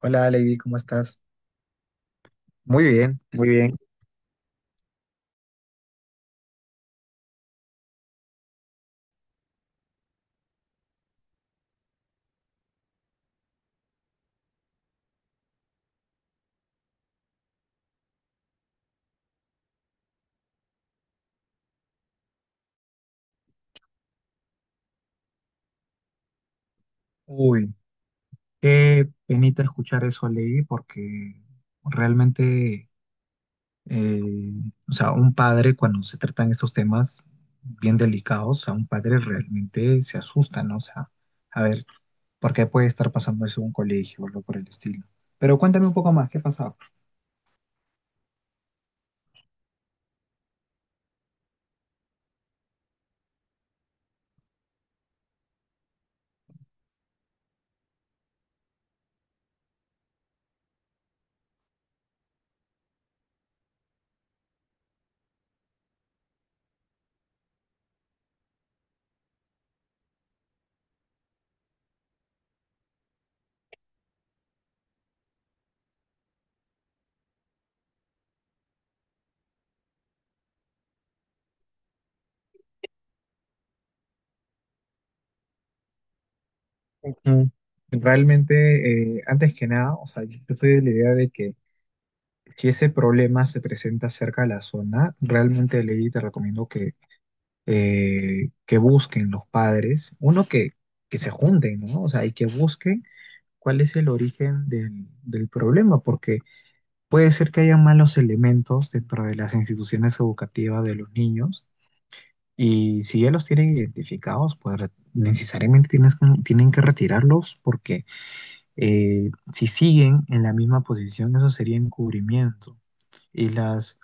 Hola Lady, ¿cómo estás? Muy bien, muy bien. Uy, qué penita escuchar eso, Ley, porque realmente, eh, o sea, un padre cuando se tratan estos temas bien delicados, a un padre realmente se asusta, ¿no? O sea, a ver, ¿por qué puede estar pasando eso en un colegio o algo por el estilo? Pero cuéntame un poco más, ¿qué pasaba? Mm, Realmente, antes que nada, o sea, yo estoy de la idea de que si ese problema se presenta cerca de la zona, realmente Lady te recomiendo que busquen los padres, uno que se junten, ¿no? O sea, y que busquen cuál es el origen del problema, porque puede ser que haya malos elementos dentro de las instituciones educativas de los niños, y si ya los tienen identificados, pues necesariamente tienen que retirarlos, porque si siguen en la misma posición, eso sería encubrimiento. Y las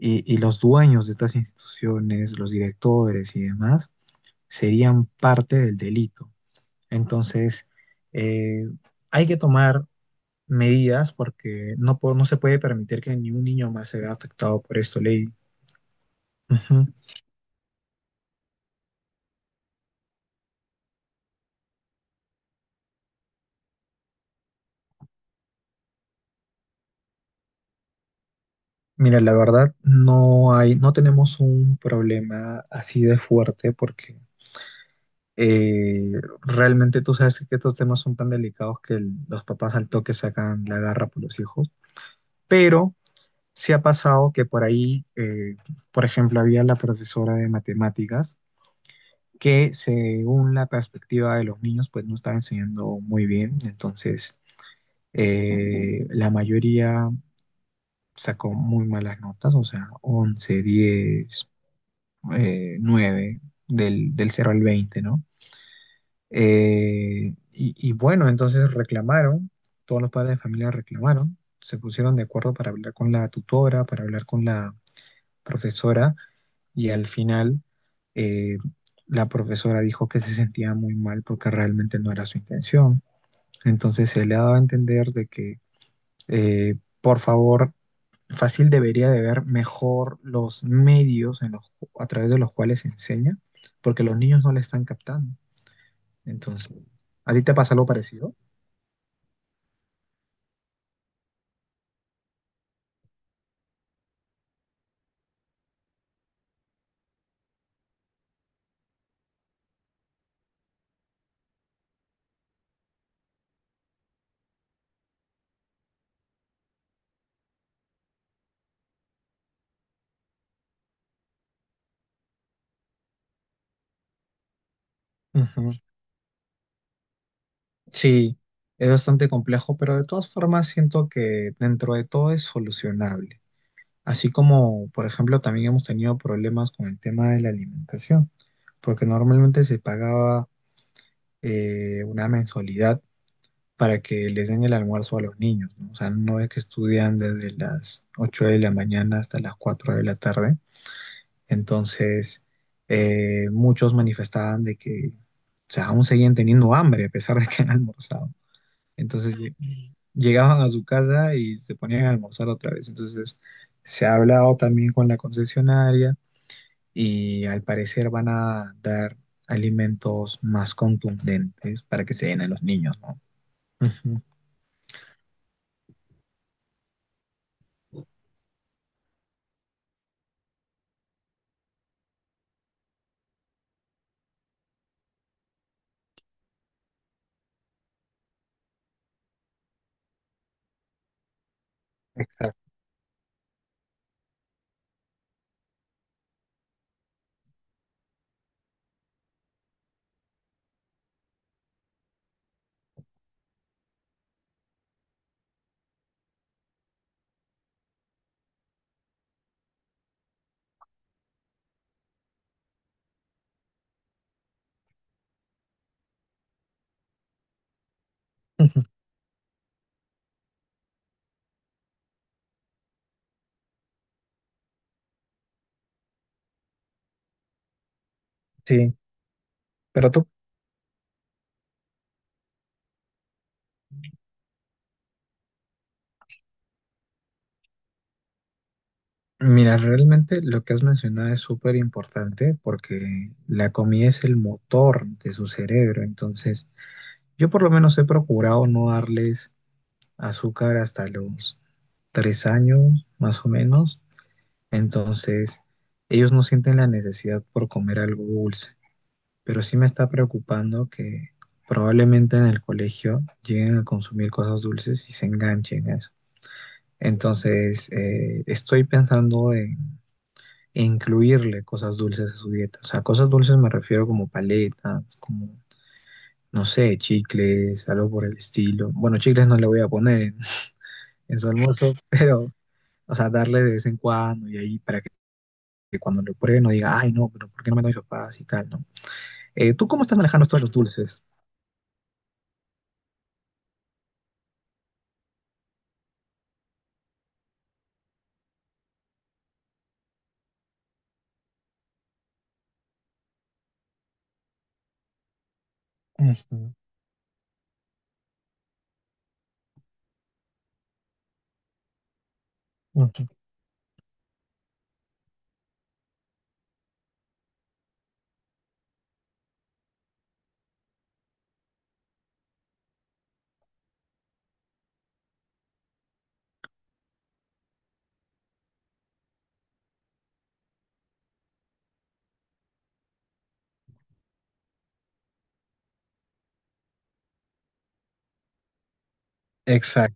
y los dueños de estas instituciones, los directores y demás, serían parte del delito. Entonces, eh, hay que tomar medidas porque no se puede permitir que ni un niño más se vea afectado por esto, ley. Ujú. Mira, la verdad, no tenemos un problema así de fuerte porque eh, realmente tú sabes que estos temas son tan delicados que los papás al toque sacan la garra por los hijos, pero sí ha pasado que por ahí, por ejemplo, había la profesora de matemáticas que según la perspectiva de los niños, pues no estaba enseñando muy bien. Entonces, la mayoría sacó muy malas notas, o sea, 11 10 9, del 0 al 20, ¿no? Y bueno, entonces reclamaron, todos los padres de familia reclamaron, se pusieron de acuerdo para hablar con la tutora, para hablar con la profesora y al final eh, la profesora dijo que se sentía muy mal porque realmente no era su intención. Entonces se le ha dado a entender de que, por favor, fácil debería de ver mejor los medios a través de los cuales se enseña, porque los niños no le están captando. Entonces, ¿a ti te pasa algo parecido? Ujú. Sí, es bastante complejo, pero de todas formas siento que dentro de todo es solucionable. Así como, por ejemplo, también hemos tenido problemas con el tema de la alimentación, porque normalmente se pagaba una mensualidad para que les den el almuerzo a los niños, ¿no? O sea, no es que estudian desde las 8 de la mañana hasta las 4 de la tarde. Entonces, muchos manifestaban de que, o sea, aún seguían teniendo hambre a pesar de que han almorzado. Entonces, llegaban a su casa y se ponían a almorzar otra vez. Entonces, se ha hablado también con la concesionaria y al parecer van a dar alimentos más contundentes para que se den a los niños, ¿no? Ujú. Exacto. Sí, pero tú, mira, realmente lo que has mencionado es súper importante porque la comida es el motor de su cerebro, entonces yo por lo menos he procurado no darles azúcar hasta los 3 años, más o menos, entonces ellos no sienten la necesidad por comer algo dulce. Pero sí me está preocupando que probablemente en el colegio lleguen a consumir cosas dulces y se enganchen a eso. Entonces, estoy pensando en incluirle cosas dulces a su dieta. O sea, cosas dulces me refiero como paletas, como, no sé, chicles, algo por el estilo. Bueno, chicles no le voy a poner en, en su almuerzo, pero, o sea, darle de vez en cuando y ahí para que cuando lo pruebe no diga, ay, no, pero ¿por qué no me dan mis papás y tal, ¿no? ¿Tú cómo estás manejando esto de los dulces? Ujú, ujú. Exact,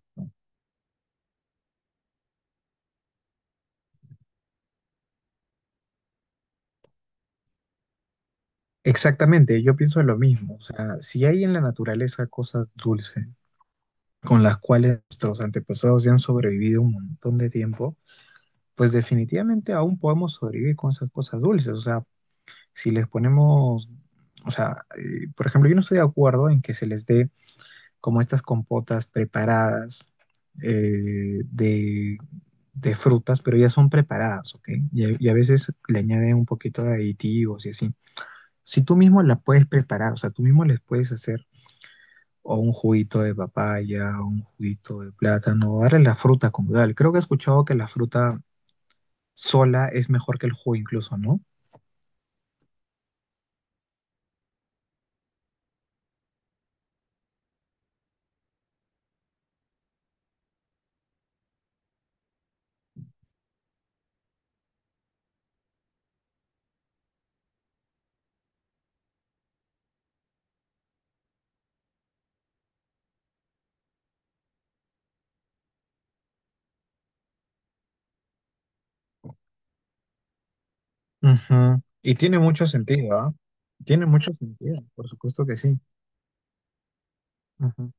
exactamente, yo pienso lo mismo. O sea, si hay en la naturaleza cosas dulces con las cuales nuestros antepasados ya han sobrevivido un montón de tiempo, pues definitivamente aún podemos sobrevivir con esas cosas dulces. O sea, si les ponemos, o sea, por ejemplo, yo no estoy de acuerdo en que se les dé como estas compotas preparadas eh, de, de frutas, pero ya son preparadas, ¿ok? Y a veces le añaden un poquito de aditivos y así. Si tú mismo la puedes preparar, o sea, tú mismo les puedes hacer o un juguito de papaya, o un juguito de plátano, darle la fruta como tal. Creo que he escuchado que la fruta sola es mejor que el jugo incluso, ¿no? Ujú. Y tiene mucho sentido, ¿ah? Tiene mucho sentido, por supuesto que sí. Ujú.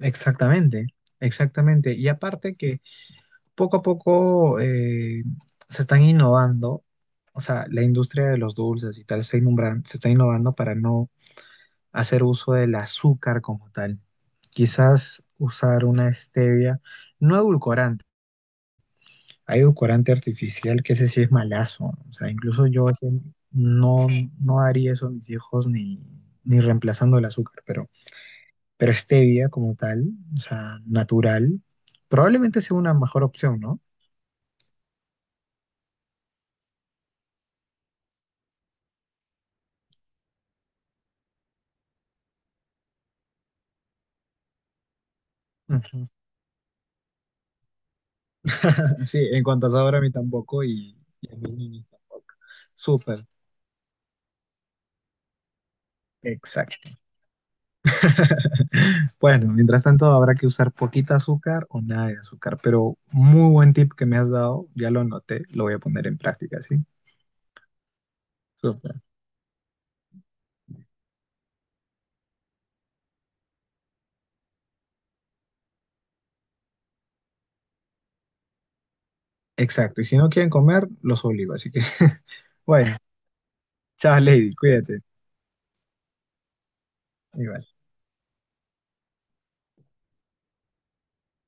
Exactamente, exactamente. Y aparte que poco a poco se están innovando, o sea, la industria de los dulces y tal se está innovando para no hacer uso del azúcar como tal. Quizás usar una stevia, no edulcorante, hay edulcorante artificial que ese sí es malazo. O sea, incluso yo ese no, sí, no daría eso a mis hijos ni, reemplazando el azúcar, pero stevia como tal, o sea, natural, probablemente sea una mejor opción, ¿no? Ujú. Sí, en cuanto a sabor a mí tampoco y a mis niños tampoco. Súper. Exacto. Bueno, mientras tanto habrá que usar poquita azúcar o nada de azúcar, pero muy buen tip que me has dado, ya lo anoté, lo voy a poner en práctica, ¿sí? Súper. Exacto, y si no quieren comer, los obligo, así que bueno, chao Lady, cuídate. Igual.